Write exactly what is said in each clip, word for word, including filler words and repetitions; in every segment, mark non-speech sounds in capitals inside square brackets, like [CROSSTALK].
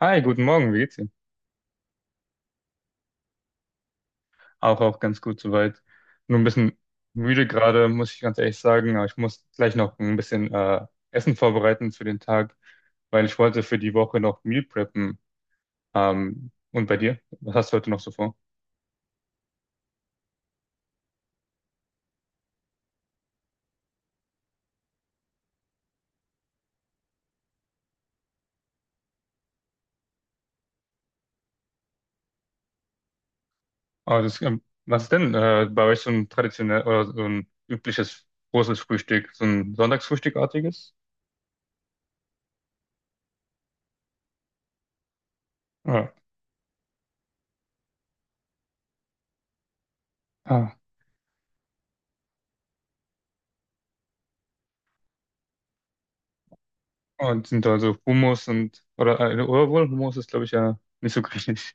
Hi, guten Morgen, wie geht's Ihnen? Auch, auch ganz gut soweit. Nur ein bisschen müde gerade, muss ich ganz ehrlich sagen, aber ich muss gleich noch ein bisschen äh, Essen vorbereiten für den Tag, weil ich wollte für die Woche noch Meal preppen. Ähm, und bei dir? Was hast du heute noch so vor? Ah, das, ähm, was ist denn äh, bei euch so ein traditionell oder so ein übliches großes Frühstück, so ein Sonntagsfrühstückartiges? Ja. Ah. Und sind da so Hummus und oder, äh, oder wohl Hummus ist glaube ich ja nicht so [LAUGHS] griechisch.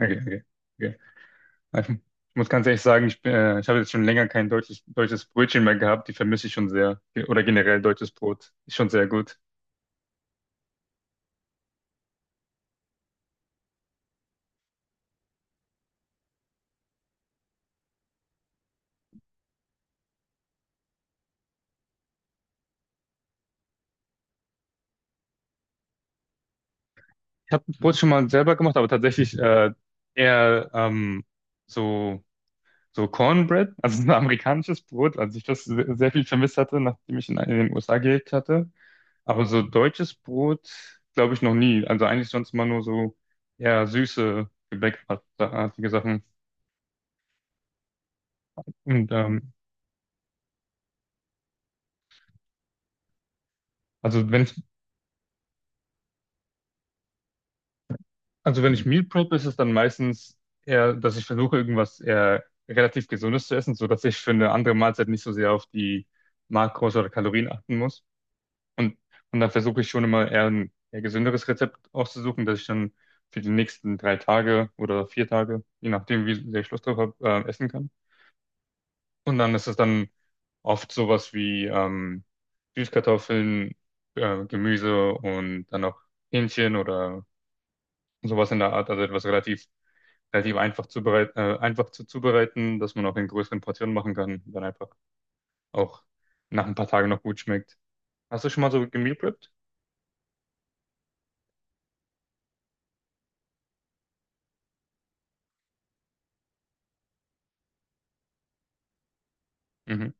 Okay, okay. Okay. Ich muss ganz ehrlich sagen, ich, bin, äh, ich habe jetzt schon länger kein deutsches, deutsches Brötchen mehr gehabt. Die vermisse ich schon sehr. Ge- Oder generell deutsches Brot. Ist schon sehr gut. Ich habe Brot schon mal selber gemacht, aber tatsächlich äh, eher ähm, so, so Cornbread, also so ein amerikanisches Brot, als ich das se- sehr viel vermisst hatte, nachdem ich in, in den U S A gelebt hatte. Aber so deutsches Brot, glaube ich, noch nie. Also eigentlich sonst immer nur so eher süße, gebäckartige Sachen. Und ähm, also wenn Also wenn ich Meal prep, ist es dann meistens eher, dass ich versuche, irgendwas eher relativ Gesundes zu essen, sodass ich für eine andere Mahlzeit nicht so sehr auf die Makros oder Kalorien achten muss. Und, und dann versuche ich schon immer eher ein eher gesünderes Rezept auszusuchen, dass ich dann für die nächsten drei Tage oder vier Tage, je nachdem, wie sehr ich Lust drauf habe, äh, essen kann. Und dann ist es dann oft sowas wie ähm, Süßkartoffeln, äh, Gemüse und dann auch Hähnchen oder sowas in der Art, also etwas relativ relativ einfach zubereit, äh, einfach zu zubereiten, dass man auch in größeren Portionen machen kann, dann einfach auch nach ein paar Tagen noch gut schmeckt. Hast du schon mal so gemeal prepped? Mhm.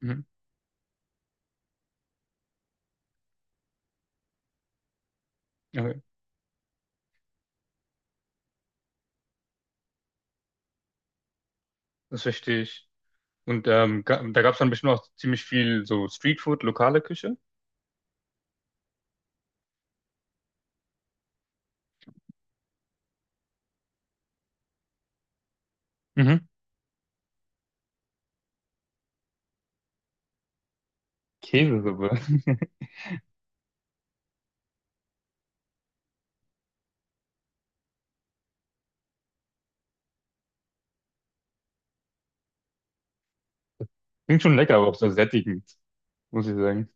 Mhm. Okay. Das verstehe ich. Und ähm, ga, da gab es dann bestimmt auch ziemlich viel so Streetfood, lokale Küche. Mhm. Käsesuppe. [LAUGHS] Klingt schon lecker, aber auch so sättigend, muss ich sagen.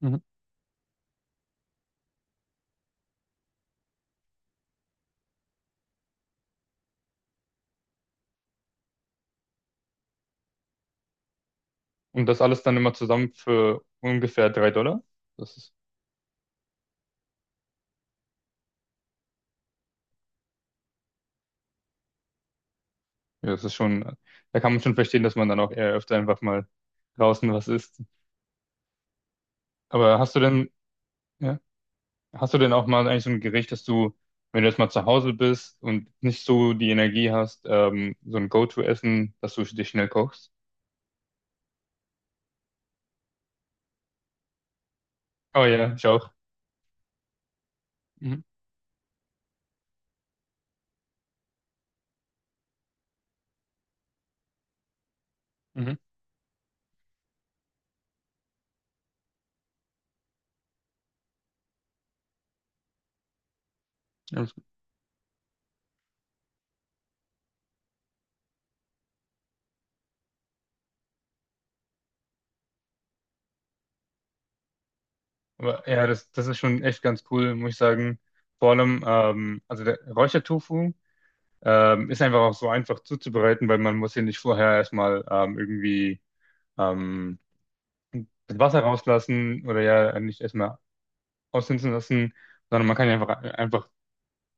Mhm. Und das alles dann immer zusammen für ungefähr drei Dollar. Das ist, ja, das ist schon, da kann man schon verstehen, dass man dann auch eher öfter einfach mal draußen was isst. Aber hast du denn Ja. Hast du denn auch mal eigentlich so ein Gericht, dass du, wenn du jetzt mal zu Hause bist und nicht so die Energie hast, ähm, so ein Go-to-Essen, dass du dich schnell kochst? Oh ja, ich auch. Mhm. Mhm. Alles gut. Aber ja, das, das ist schon echt ganz cool, muss ich sagen. Vor allem, ähm, also der Räuchertofu ähm, ist einfach auch so einfach zuzubereiten, weil man muss hier nicht vorher erstmal ähm, irgendwie ähm, das Wasser rauslassen oder ja nicht erstmal aushunzen lassen, sondern man kann ihn einfach, einfach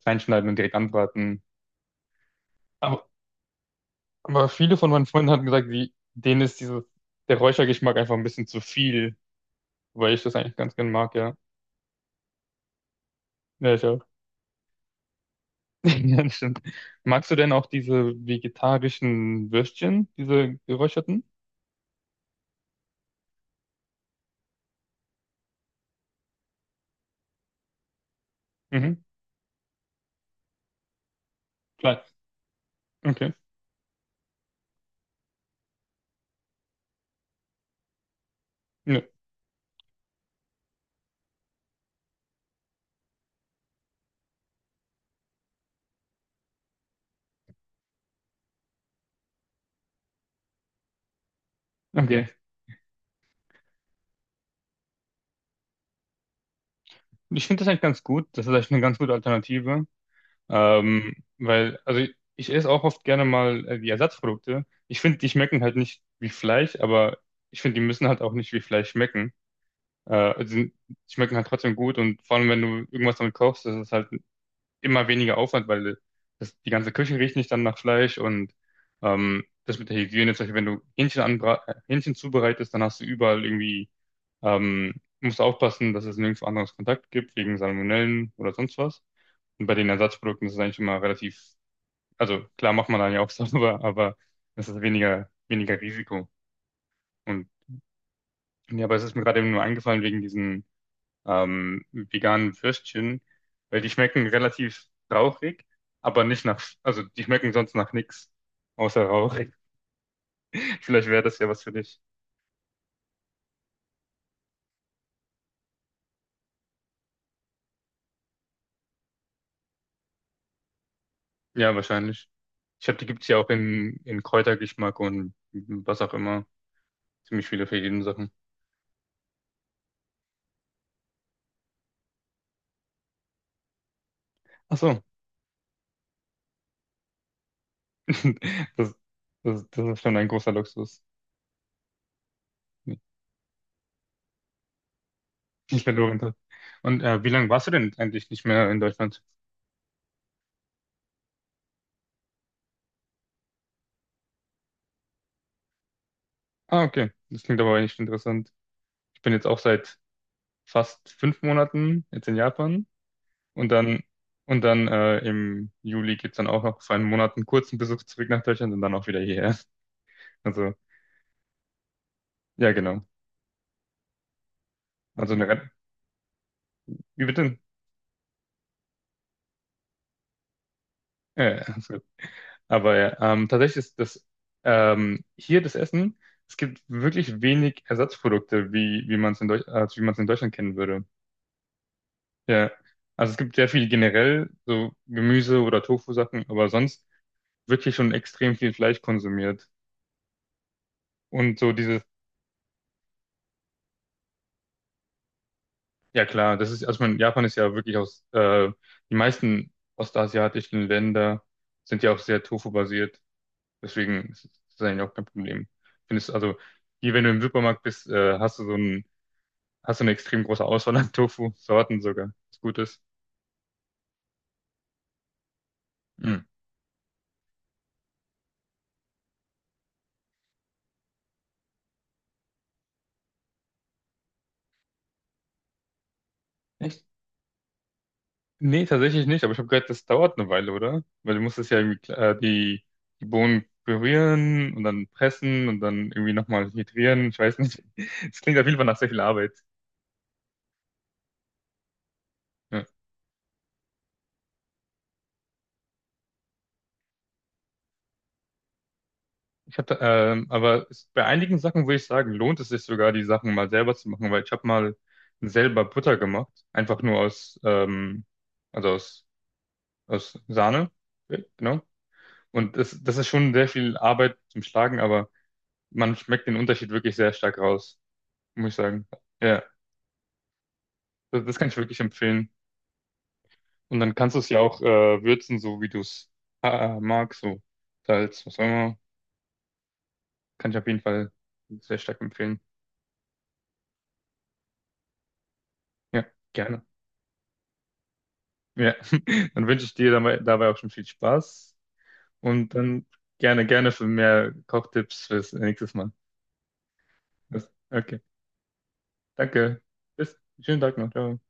kleinschneiden und direkt anbraten. Aber Aber viele von meinen Freunden hatten gesagt, die, denen ist dieses, der Räuchergeschmack einfach ein bisschen zu viel, weil ich das eigentlich ganz gern mag, ja. Ja, ich auch. [LAUGHS] Ja, das stimmt. Magst du denn auch diese vegetarischen Würstchen, diese geräucherten? Mhm. Klar. Okay. Nö. Okay. Ich finde das eigentlich ganz gut. Das ist eigentlich eine ganz gute Alternative. Ähm, weil, also ich, ich esse auch oft gerne mal äh, die Ersatzprodukte. Ich finde, die schmecken halt nicht wie Fleisch, aber ich finde, die müssen halt auch nicht wie Fleisch schmecken. Äh, sind, Schmecken halt trotzdem gut und vor allem, wenn du irgendwas damit kochst, das ist es halt immer weniger Aufwand, weil das, die ganze Küche riecht nicht dann nach Fleisch und ähm, das mit der Hygiene, zum Beispiel, wenn du Hähnchen anbra äh, Hähnchen zubereitest, dann hast du überall irgendwie, ähm, musst du aufpassen, dass es nirgendwo anderes Kontakt gibt, wegen Salmonellen oder sonst was. Und bei den Ersatzprodukten ist es eigentlich immer relativ, also klar macht man dann ja auch [LAUGHS] sauber, aber es ist weniger, weniger Risiko. Und ja, aber es ist mir gerade eben nur eingefallen wegen diesen ähm, veganen Würstchen, weil die schmecken relativ rauchig, aber nicht nach, also die schmecken sonst nach nichts, außer Rauch. [LAUGHS] Vielleicht wäre das ja was für dich. Ja, wahrscheinlich. Ich habe, die gibt's ja auch in, in Kräutergeschmack und was auch immer. Ziemlich viele verschiedene Sachen. Ach so, [LAUGHS] das, das, das ist schon ein großer Luxus, den ich verloren habe. Und äh, wie lange warst du denn eigentlich nicht mehr in Deutschland? Ah, okay. Das klingt aber echt interessant. Ich bin jetzt auch seit fast fünf Monaten jetzt in Japan. Und dann, und dann äh, im Juli geht's dann auch noch für einen Monat einen kurzen Besuch zurück nach Deutschland und dann auch wieder hierher. Also, ja, genau. Also eine Ren- Wie bitte? Ja, ja, ist gut. Aber ja, ähm, tatsächlich ist das ähm, hier das Essen, es gibt wirklich wenig Ersatzprodukte, wie, wie man es in Deutsch, als wie man es in Deutschland kennen würde. Ja. Also es gibt sehr viel generell, so Gemüse oder Tofu-Sachen, aber sonst wirklich schon extrem viel Fleisch konsumiert. Und so dieses Ja klar, das ist, also ich meine, Japan ist ja wirklich aus, äh, die meisten ostasiatischen Länder sind ja auch sehr Tofu-basiert, deswegen ist das eigentlich auch kein Problem. Findest also hier, wenn du im Supermarkt bist, äh, hast du so ein, hast du eine extrem große Auswahl an Tofu-Sorten sogar, was gut ist. Hm. Echt? Nee, tatsächlich nicht, aber ich habe gehört, das dauert eine Weile, oder? Weil du musst es ja irgendwie, äh, die, die Bohnen pürieren und dann pressen und dann irgendwie nochmal hydrieren, ich weiß nicht. [LAUGHS] Es klingt auf jeden Fall nach sehr viel Arbeit. Ja. Ich hatte, ähm, aber es, bei einigen Sachen würde ich sagen, lohnt es sich sogar, die Sachen mal selber zu machen, weil ich habe mal selber Butter gemacht, einfach nur aus, ähm, also aus, aus Sahne, ja, genau. Und das, das ist schon sehr viel Arbeit zum Schlagen, aber man schmeckt den Unterschied wirklich sehr stark raus, muss ich sagen. Ja, das, das kann ich wirklich empfehlen. Und dann kannst du es ja auch äh, würzen, so wie du es äh, magst, so Salz, was auch immer. Kann ich auf jeden Fall sehr stark empfehlen. Ja, gerne. Ja, [LAUGHS] dann wünsche ich dir dabei, dabei auch schon viel Spaß und dann gerne, gerne für mehr Kochtipps fürs nächste Mal. Das- Okay, danke. Bis, schönen Tag noch. Ciao.